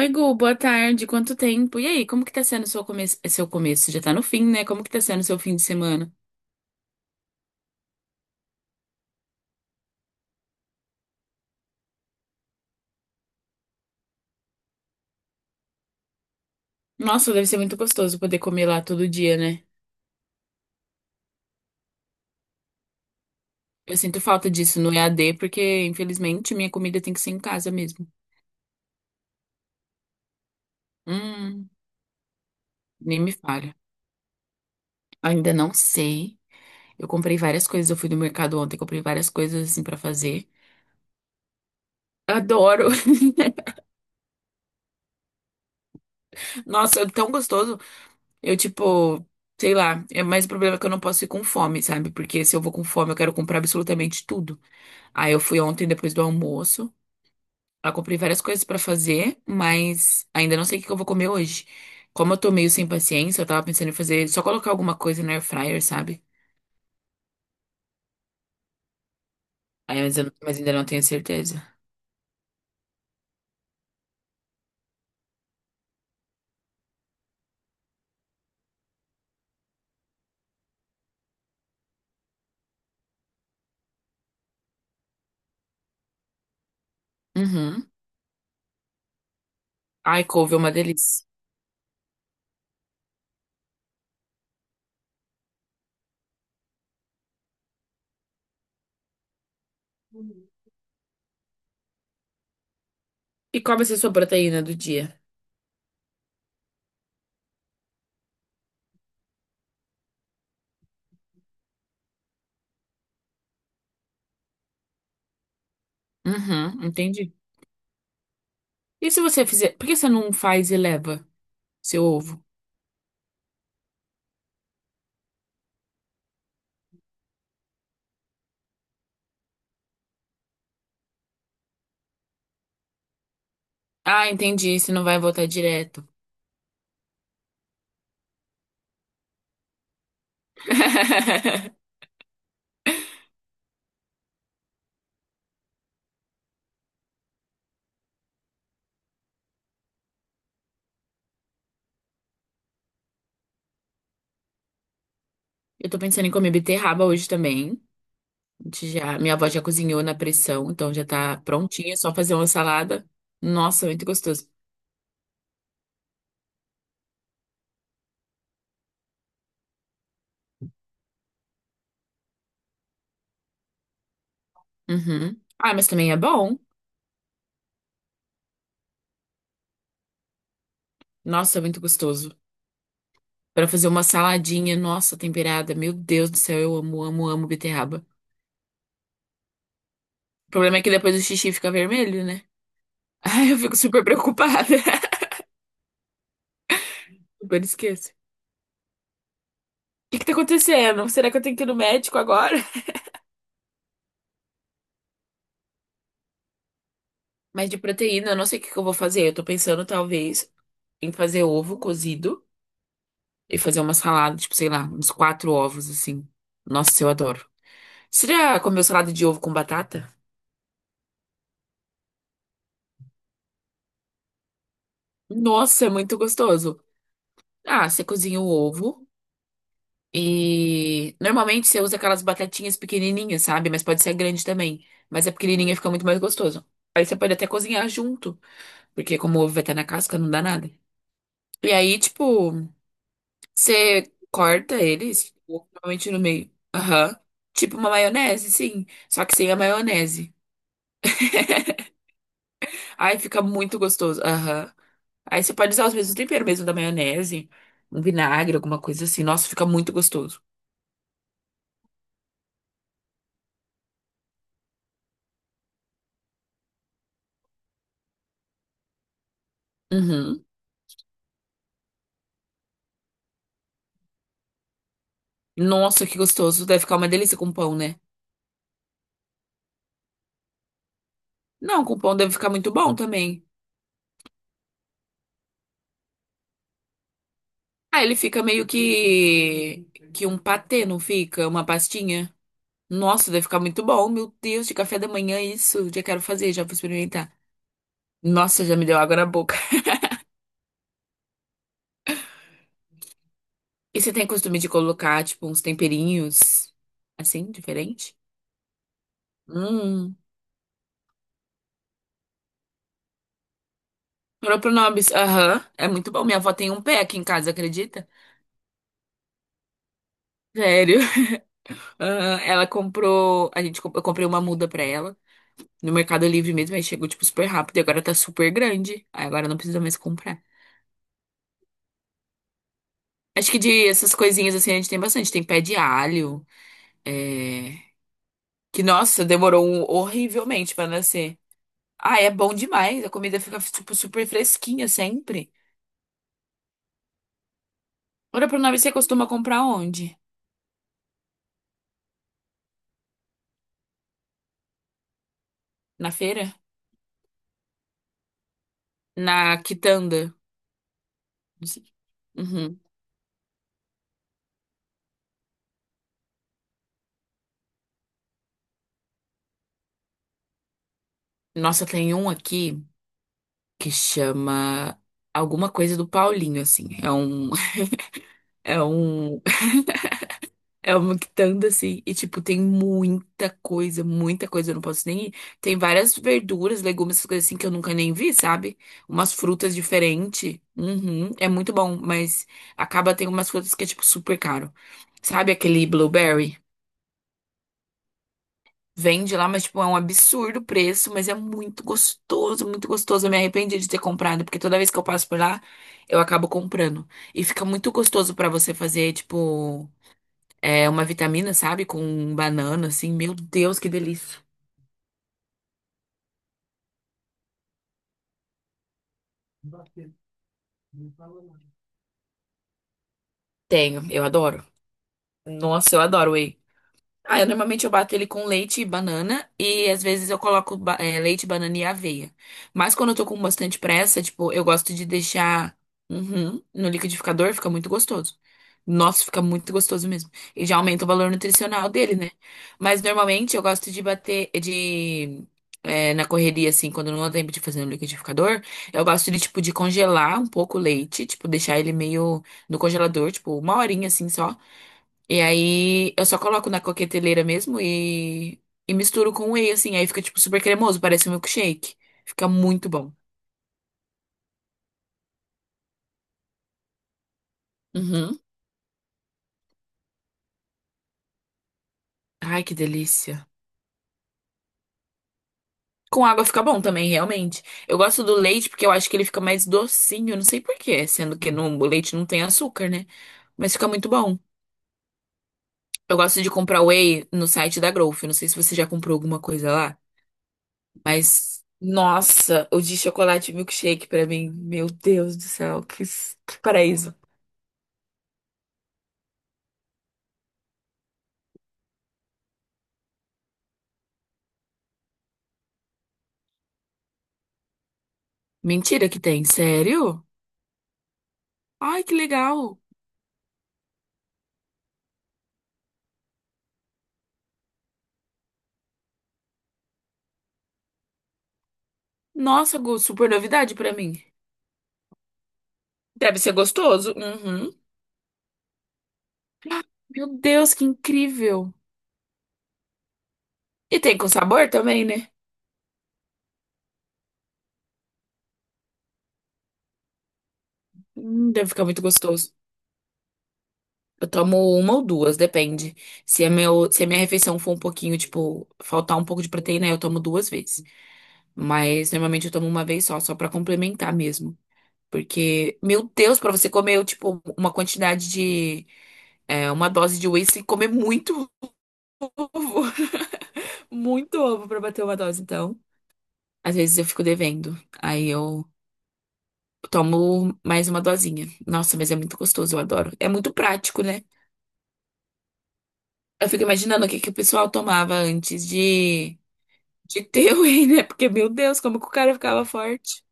Oi, Gu, boa tarde. Quanto tempo? E aí, como que tá sendo seu começo? Seu começo já tá no fim, né? Como que tá sendo seu fim de semana? Nossa, deve ser muito gostoso poder comer lá todo dia, né? Eu sinto falta disso no EAD, porque infelizmente minha comida tem que ser em casa mesmo. Hum, nem me falha. Ainda não sei. Eu comprei várias coisas, eu fui no mercado ontem, comprei várias coisas assim pra fazer. Adoro. Nossa, é tão gostoso. Eu tipo, sei lá, é mais o problema é que eu não posso ir com fome, sabe? Porque se eu vou com fome, eu quero comprar absolutamente tudo. Aí eu fui ontem depois do almoço. Eu comprei várias coisas pra fazer, mas ainda não sei o que que eu vou comer hoje. Como eu tô meio sem paciência, eu tava pensando em fazer só colocar alguma coisa na air fryer, sabe? Aí, mas, mas ainda não tenho certeza. Uhum. Ai, couve é uma delícia. E qual vai ser a sua proteína do dia? Uhum, entendi. E se você fizer, por que você não faz e leva seu ovo? Ah, entendi, você não vai voltar direto. Eu tô pensando em comer beterraba hoje também. Já, minha avó já cozinhou na pressão, então já tá prontinha, é só fazer uma salada. Nossa, muito gostoso. Uhum. Ah, mas também é bom. Nossa, muito gostoso. Pra fazer uma saladinha, nossa, temperada. Meu Deus do céu, eu amo, amo, amo beterraba. O problema é que depois o xixi fica vermelho, né? Ai, eu fico super preocupada. Super esqueço. O que que tá acontecendo? Será que eu tenho que ir no médico agora? Mas de proteína, eu não sei o que que eu vou fazer. Eu tô pensando, talvez, em fazer ovo cozido. E fazer uma salada, tipo, sei lá, uns quatro ovos, assim. Nossa, eu adoro. Você já comeu salada de ovo com batata? Nossa, é muito gostoso. Ah, você cozinha o ovo e normalmente você usa aquelas batatinhas pequenininhas, sabe? Mas pode ser grande também. Mas a pequenininha fica muito mais gostoso. Aí você pode até cozinhar junto, porque como o ovo vai estar na casca, não dá nada. E aí, tipo, você corta eles, tipo, normalmente no meio. Aham. Tipo uma maionese, sim. Só que sem a maionese. Ai, fica muito gostoso. Aham. Aí você pode usar os mesmos temperos mesmo da maionese, um vinagre, alguma coisa assim. Nossa, fica muito gostoso. Uhum. Nossa, que gostoso. Deve ficar uma delícia com pão, né? Não, com pão deve ficar muito bom também. Ah, ele fica meio que um patê, não fica? Uma pastinha. Nossa, deve ficar muito bom. Meu Deus, de café da manhã isso. Já quero fazer, já vou experimentar. Nossa, já me deu água na boca. E você tem costume de colocar, tipo, uns temperinhos assim, diferente? Hum. Propronobis, aham, é muito bom. Minha avó tem um pé aqui em casa, acredita? Sério. Aham, ela comprou, eu comprei uma muda pra ela no Mercado Livre mesmo, aí chegou tipo super rápido e agora tá super grande. Aí agora não precisa mais comprar. Acho que de essas coisinhas assim a gente tem bastante. Tem pé de alho, é, que nossa, horrivelmente pra nascer. Ah, é bom demais. A comida fica tipo super fresquinha sempre. Propronobis, você costuma comprar onde? Na feira? Na quitanda? Não sei. Uhum. Nossa, tem um aqui que chama alguma coisa do Paulinho, assim. É um, é uma quitanda, assim. E, tipo, tem muita coisa, muita coisa. Eu não posso nem ir. Tem várias verduras, legumes, essas coisas assim que eu nunca nem vi, sabe? Umas frutas diferentes. Uhum, é muito bom, mas acaba tem umas frutas que é, tipo, super caro. Sabe aquele blueberry? Vende lá, mas, tipo, é um absurdo o preço, mas é muito gostoso, muito gostoso. Eu me arrependi de ter comprado, porque toda vez que eu passo por lá, eu acabo comprando. E fica muito gostoso pra você fazer, tipo, é, uma vitamina, sabe? Com banana, assim. Meu Deus, que delícia. Tenho, eu adoro. Nossa, eu adoro whey. Ah, eu normalmente eu bato ele com leite e banana e às vezes eu coloco leite, banana e aveia. Mas quando eu tô com bastante pressa, tipo, eu gosto de deixar uhum, no liquidificador, fica muito gostoso. Nossa, fica muito gostoso mesmo. E já aumenta o valor nutricional dele, né? Mas normalmente eu gosto de bater na correria assim, quando não dá tempo de fazer no liquidificador, eu gosto de tipo de congelar um pouco o leite, tipo deixar ele meio no congelador, tipo uma horinha assim só. E aí eu só coloco na coqueteleira mesmo e misturo com whey, assim. Aí fica, tipo, super cremoso, parece um milkshake. Fica muito bom. Uhum. Ai, que delícia. Com água fica bom também, realmente. Eu gosto do leite porque eu acho que ele fica mais docinho, não sei por quê, sendo que o leite não tem açúcar, né? Mas fica muito bom. Eu gosto de comprar whey no site da Growth. Não sei se você já comprou alguma coisa lá, mas nossa, o de chocolate milkshake pra mim, meu Deus do céu, que paraíso. Mentira que tem, sério? Ai, que legal. Nossa, Gu, super novidade pra mim. Deve ser gostoso. Uhum. Meu Deus, que incrível. E tem com sabor também, né? Deve ficar muito gostoso. Eu tomo uma ou duas, depende. Se a minha refeição for um pouquinho, tipo, faltar um pouco de proteína, eu tomo duas vezes. Mas normalmente eu tomo uma vez só, só pra complementar mesmo. Porque, meu Deus, pra você comer, tipo, uma quantidade de. É, uma dose de whey sem comer muito ovo. Muito ovo pra bater uma dose, então. Às vezes eu fico devendo. Aí eu tomo mais uma dosinha. Nossa, mas é muito gostoso, eu adoro. É muito prático, né? Eu fico imaginando o que que o pessoal tomava antes de ter o whey, né? Porque, meu Deus, como que o cara ficava forte.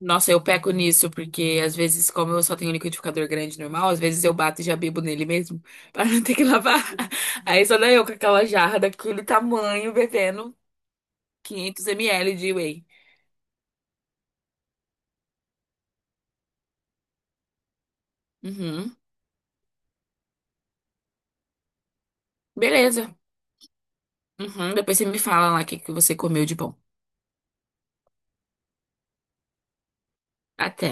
Nossa, eu peco nisso, porque às vezes, como eu só tenho um liquidificador grande normal, às vezes eu bato e já bebo nele mesmo, pra não ter que lavar. Aí só dá eu com aquela jarra daquele tamanho, bebendo 500 ml de whey. Uhum. Beleza. Uhum, depois você me fala lá o que que você comeu de bom. Até.